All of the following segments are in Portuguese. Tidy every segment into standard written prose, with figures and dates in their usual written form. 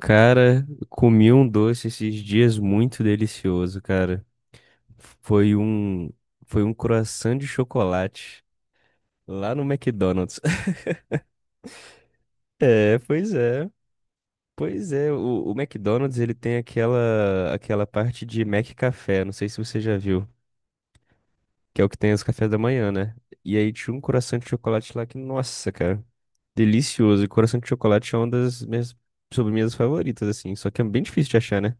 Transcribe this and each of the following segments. Cara, comi um doce esses dias muito delicioso, cara. Foi um, foi um croissant de chocolate lá no McDonald's. É, pois é. Pois é, o McDonald's, ele tem aquela parte de Mac Café, não sei se você já viu, que é o que tem os cafés da manhã, né? E aí tinha um croissant de chocolate lá que, nossa, cara, delicioso. E croissant de chocolate é uma das minhas sobremesas favoritas assim, só que é bem difícil de achar, né?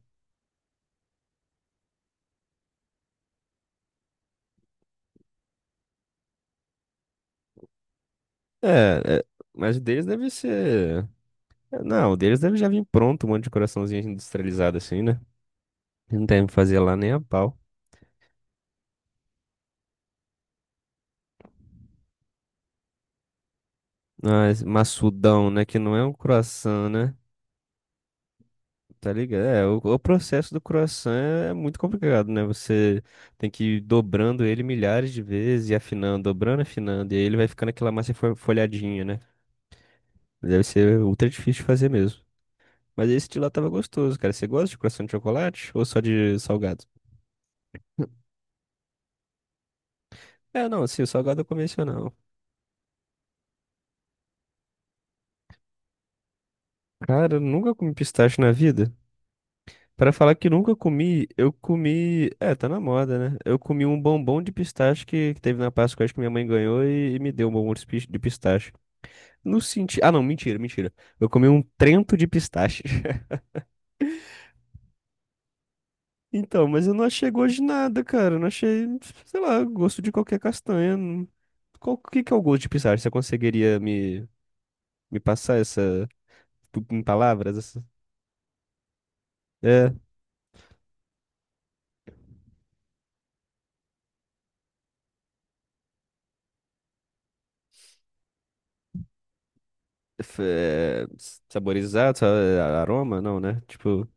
É, é, mas o deles deve ser. Não, o deles deve já vir pronto, um monte de coraçãozinho industrializado assim, né? Não deve fazer lá nem a pau. Mas maçudão, né? Que não é um croissant, né? Tá ligado? É, o processo do croissant é muito complicado, né? Você tem que ir dobrando ele milhares de vezes e afinando, dobrando, afinando. E aí ele vai ficando aquela massa folhadinha, né? Deve ser ultra difícil de fazer mesmo. Mas esse de lá tava gostoso, cara. Você gosta de croissant de chocolate ou só de salgado? É, não, assim, o salgado eu comi esse, não. Cara, eu nunca comi pistache na vida. Pra falar que nunca comi, eu comi. É, tá na moda, né? Eu comi um bombom de pistache que teve na Páscoa, acho que minha mãe ganhou e me deu um bombom de de pistache. No sentido. Ah, não, mentira, mentira. Eu comi um trento de pistache. Então, mas eu não achei gosto de nada, cara. Eu não achei, sei lá, gosto de qualquer castanha. Não. Qual, o que que é o gosto de pistache? Você conseguiria me passar essa, tipo, em palavras? Essa... É, é. Saborizado, aroma? Não, né? Tipo,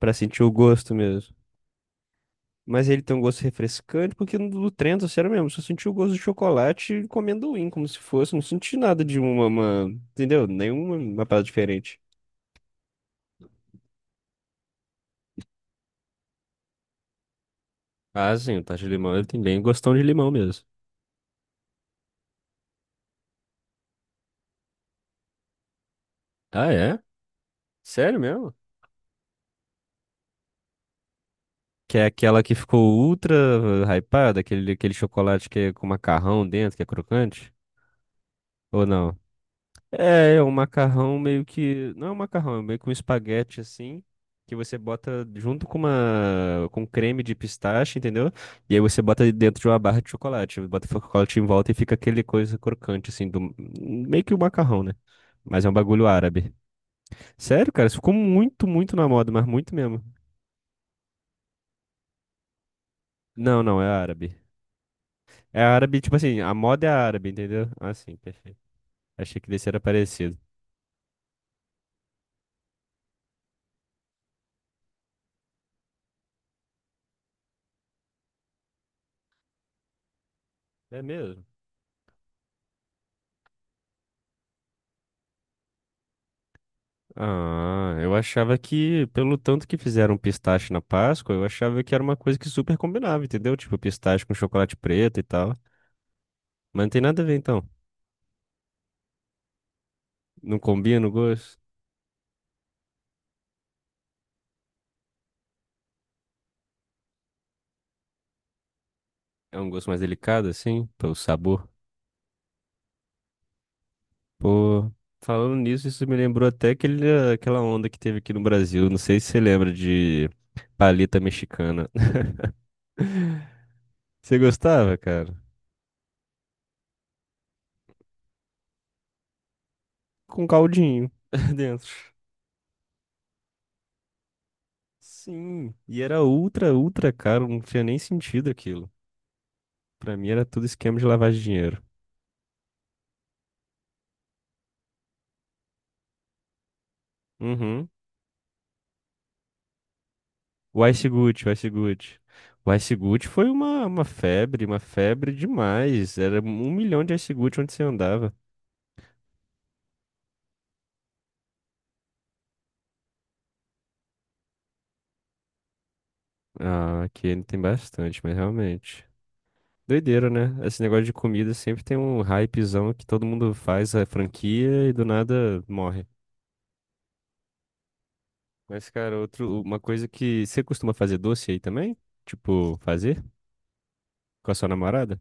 pra sentir o gosto mesmo. Mas ele tem um gosto refrescante, porque no do Trento, sério mesmo, só senti o gosto de chocolate com amendoim, como se fosse. Não senti nada de uma entendeu? Nenhuma uma parada diferente. Ah, sim, o tacho de limão, ele tem bem gostão de limão mesmo. Ah, é? Sério mesmo? Que é aquela que ficou ultra hypada, aquele, aquele chocolate que é com macarrão dentro, que é crocante? Ou não? É, é um macarrão meio que. Não é um macarrão, é meio que um espaguete assim, que você bota junto com uma, com creme de pistache, entendeu? E aí você bota dentro de uma barra de chocolate. Bota o chocolate em volta e fica aquele coisa crocante, assim, do, meio que o macarrão, né? Mas é um bagulho árabe. Sério, cara, isso ficou muito, muito na moda, mas muito mesmo. Não, não, é árabe. É árabe, tipo assim, a moda é árabe, entendeu? Ah, sim, perfeito. Achei que desse era parecido. É mesmo? Ah, eu achava que, pelo tanto que fizeram pistache na Páscoa, eu achava que era uma coisa que super combinava, entendeu? Tipo, pistache com chocolate preto e tal. Mas não tem nada a ver, então. Não combina o gosto? É um gosto mais delicado, assim, pelo sabor. Pô, falando nisso, isso me lembrou até aquele, aquela onda que teve aqui no Brasil. Não sei se você lembra de paleta mexicana. Você gostava, cara? Com caldinho dentro. Sim, e era ultra, ultra caro, não tinha nem sentido aquilo. Pra mim era tudo esquema de lavagem de dinheiro. Uhum. O Ice Gucci, o Ice Gucci. O Ice Gucci foi uma febre, uma febre demais. Era um milhão de Ice Gucci onde você andava. Ah, aqui ele tem bastante, mas realmente. Doideira, né? Esse negócio de comida sempre tem um hypezão que todo mundo faz a franquia e do nada morre. Mas, cara, outro, uma coisa que você costuma fazer doce aí também? Tipo, fazer com, a sua namorada?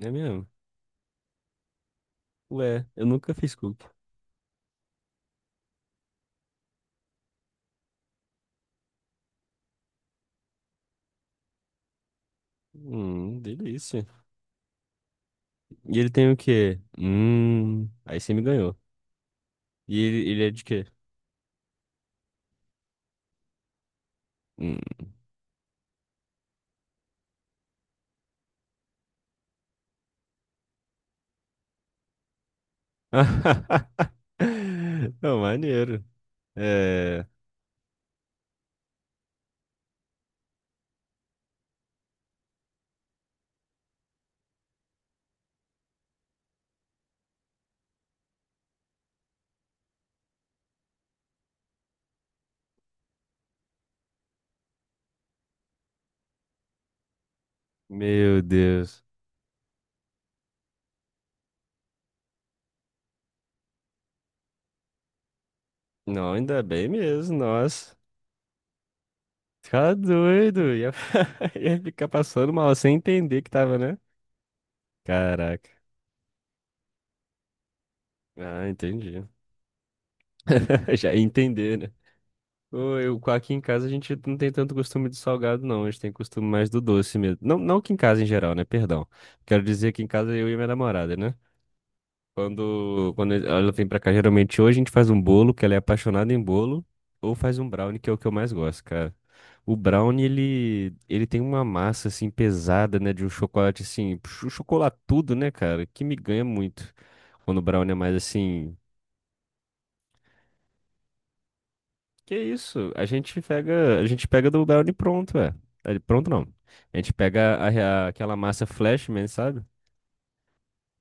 É mesmo? Ué, eu nunca fiz cookie. Delícia. E ele tem o quê? Hum. Aí você me ganhou. E ele é de quê? Hum. Não, maneiro. É. Meu Deus. Não, ainda bem mesmo, nossa. Ficar doido. Ia, ia ficar passando mal sem entender que tava, né? Caraca. Ah, entendi. Já ia entender, né? Ô, aqui em casa a gente não tem tanto costume de salgado, não. A gente tem costume mais do doce mesmo. Não, não que em casa em geral, né? Perdão. Quero dizer que em casa eu e minha namorada, né? Quando ela vem pra cá, geralmente hoje a gente faz um bolo, que ela é apaixonada em bolo, ou faz um brownie, que é o que eu mais gosto, cara. O brownie, ele tem uma massa, assim, pesada, né, de um chocolate, assim, chocolatudo, né, cara, que me ganha muito. Quando o brownie é mais, assim, que isso? A gente pega do brownie pronto, é. É, pronto não. A gente pega aquela massa Flashman, sabe?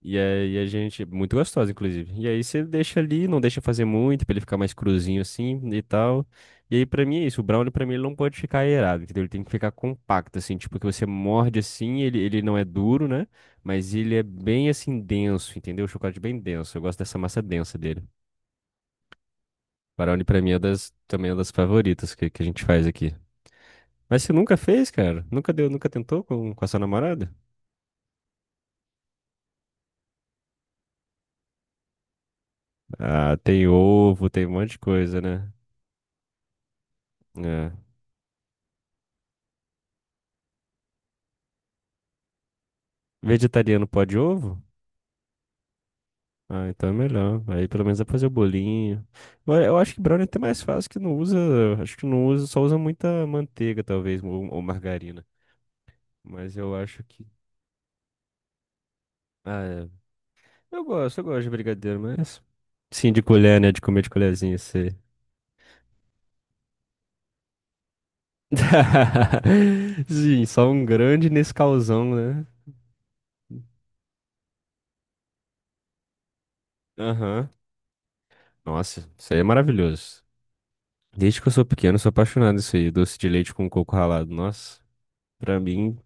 E aí a gente, muito gostosa, inclusive. E aí você deixa ali, não deixa fazer muito, pra ele ficar mais cruzinho assim e tal. E aí pra mim é isso, o brownie pra mim ele não pode ficar aerado, entendeu? Ele tem que ficar compacto, assim, tipo que você morde assim, ele não é duro, né? Mas ele é bem assim denso, entendeu? O chocolate é bem denso, eu gosto dessa massa densa dele. Brownie pra mim é das, também é das favoritas que a gente faz aqui. Mas você nunca fez, cara? Nunca deu, nunca tentou com a sua namorada? Ah, tem ovo, tem um monte de coisa, né? Vegetariano pode ovo? Ah, então é melhor. Aí pelo menos dá pra fazer o bolinho. Eu acho que brownie é até mais fácil que não usa. Acho que não usa, só usa muita manteiga, talvez, ou margarina. Mas eu acho que. Ah, é. Eu gosto de brigadeiro, mas. Sim, de colher, né? De comer de colherzinha, sei. Sim, só um grande Nescauzão, né? Aham. Nossa, isso aí é maravilhoso. Desde que eu sou pequeno, eu, sou apaixonado isso aí, doce de leite com coco ralado. Nossa, pra mim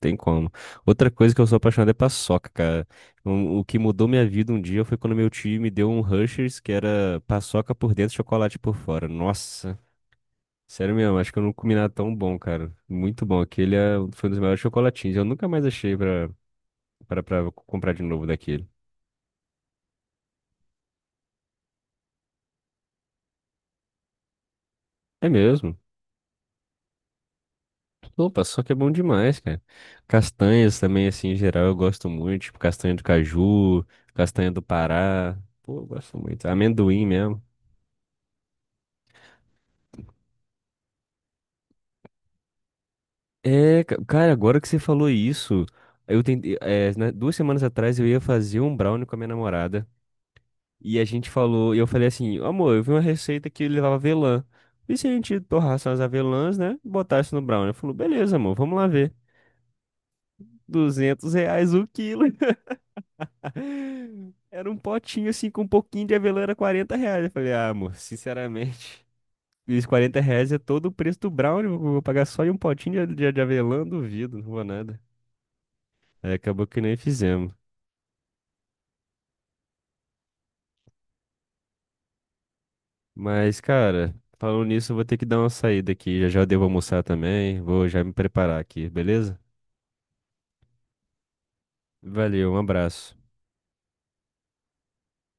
tem como. Outra coisa que eu sou apaixonado é paçoca, cara. Um, o que mudou minha vida um dia foi quando meu tio me deu um Hershey's que era paçoca por dentro, chocolate por fora. Nossa, sério mesmo, acho que eu não comi nada tão bom, cara. Muito bom. Aquele é, foi um dos melhores chocolatinhos. Eu nunca mais achei pra, pra comprar de novo daquele. É mesmo. Pô, paçoca é bom demais, cara. Castanhas também, assim, em geral, eu gosto muito. Tipo, castanha do caju, castanha do Pará. Pô, eu gosto muito. Amendoim mesmo. É, ca- cara, agora que você falou isso, eu tentei, é, né, 2 semanas atrás eu ia fazer um brownie com a minha namorada e a gente falou, e eu falei assim, amor, eu vi uma receita que levava avelã. E se a gente torrasse umas avelãs, né, e botasse no brownie? Ela falou, beleza, amor, vamos lá ver. R$ 200 o quilo. Era um potinho assim com um pouquinho de avelã, era R$ 40. Eu falei, ah, amor, sinceramente, esses R$ 40 é todo o preço do brownie, eu vou pagar só em um potinho de avelã, duvido, não vou nada. Aí acabou que nem fizemos. Mas, cara, falando nisso, eu vou ter que dar uma saída aqui. Já já eu devo almoçar também. Vou já me preparar aqui, beleza? Valeu, um abraço.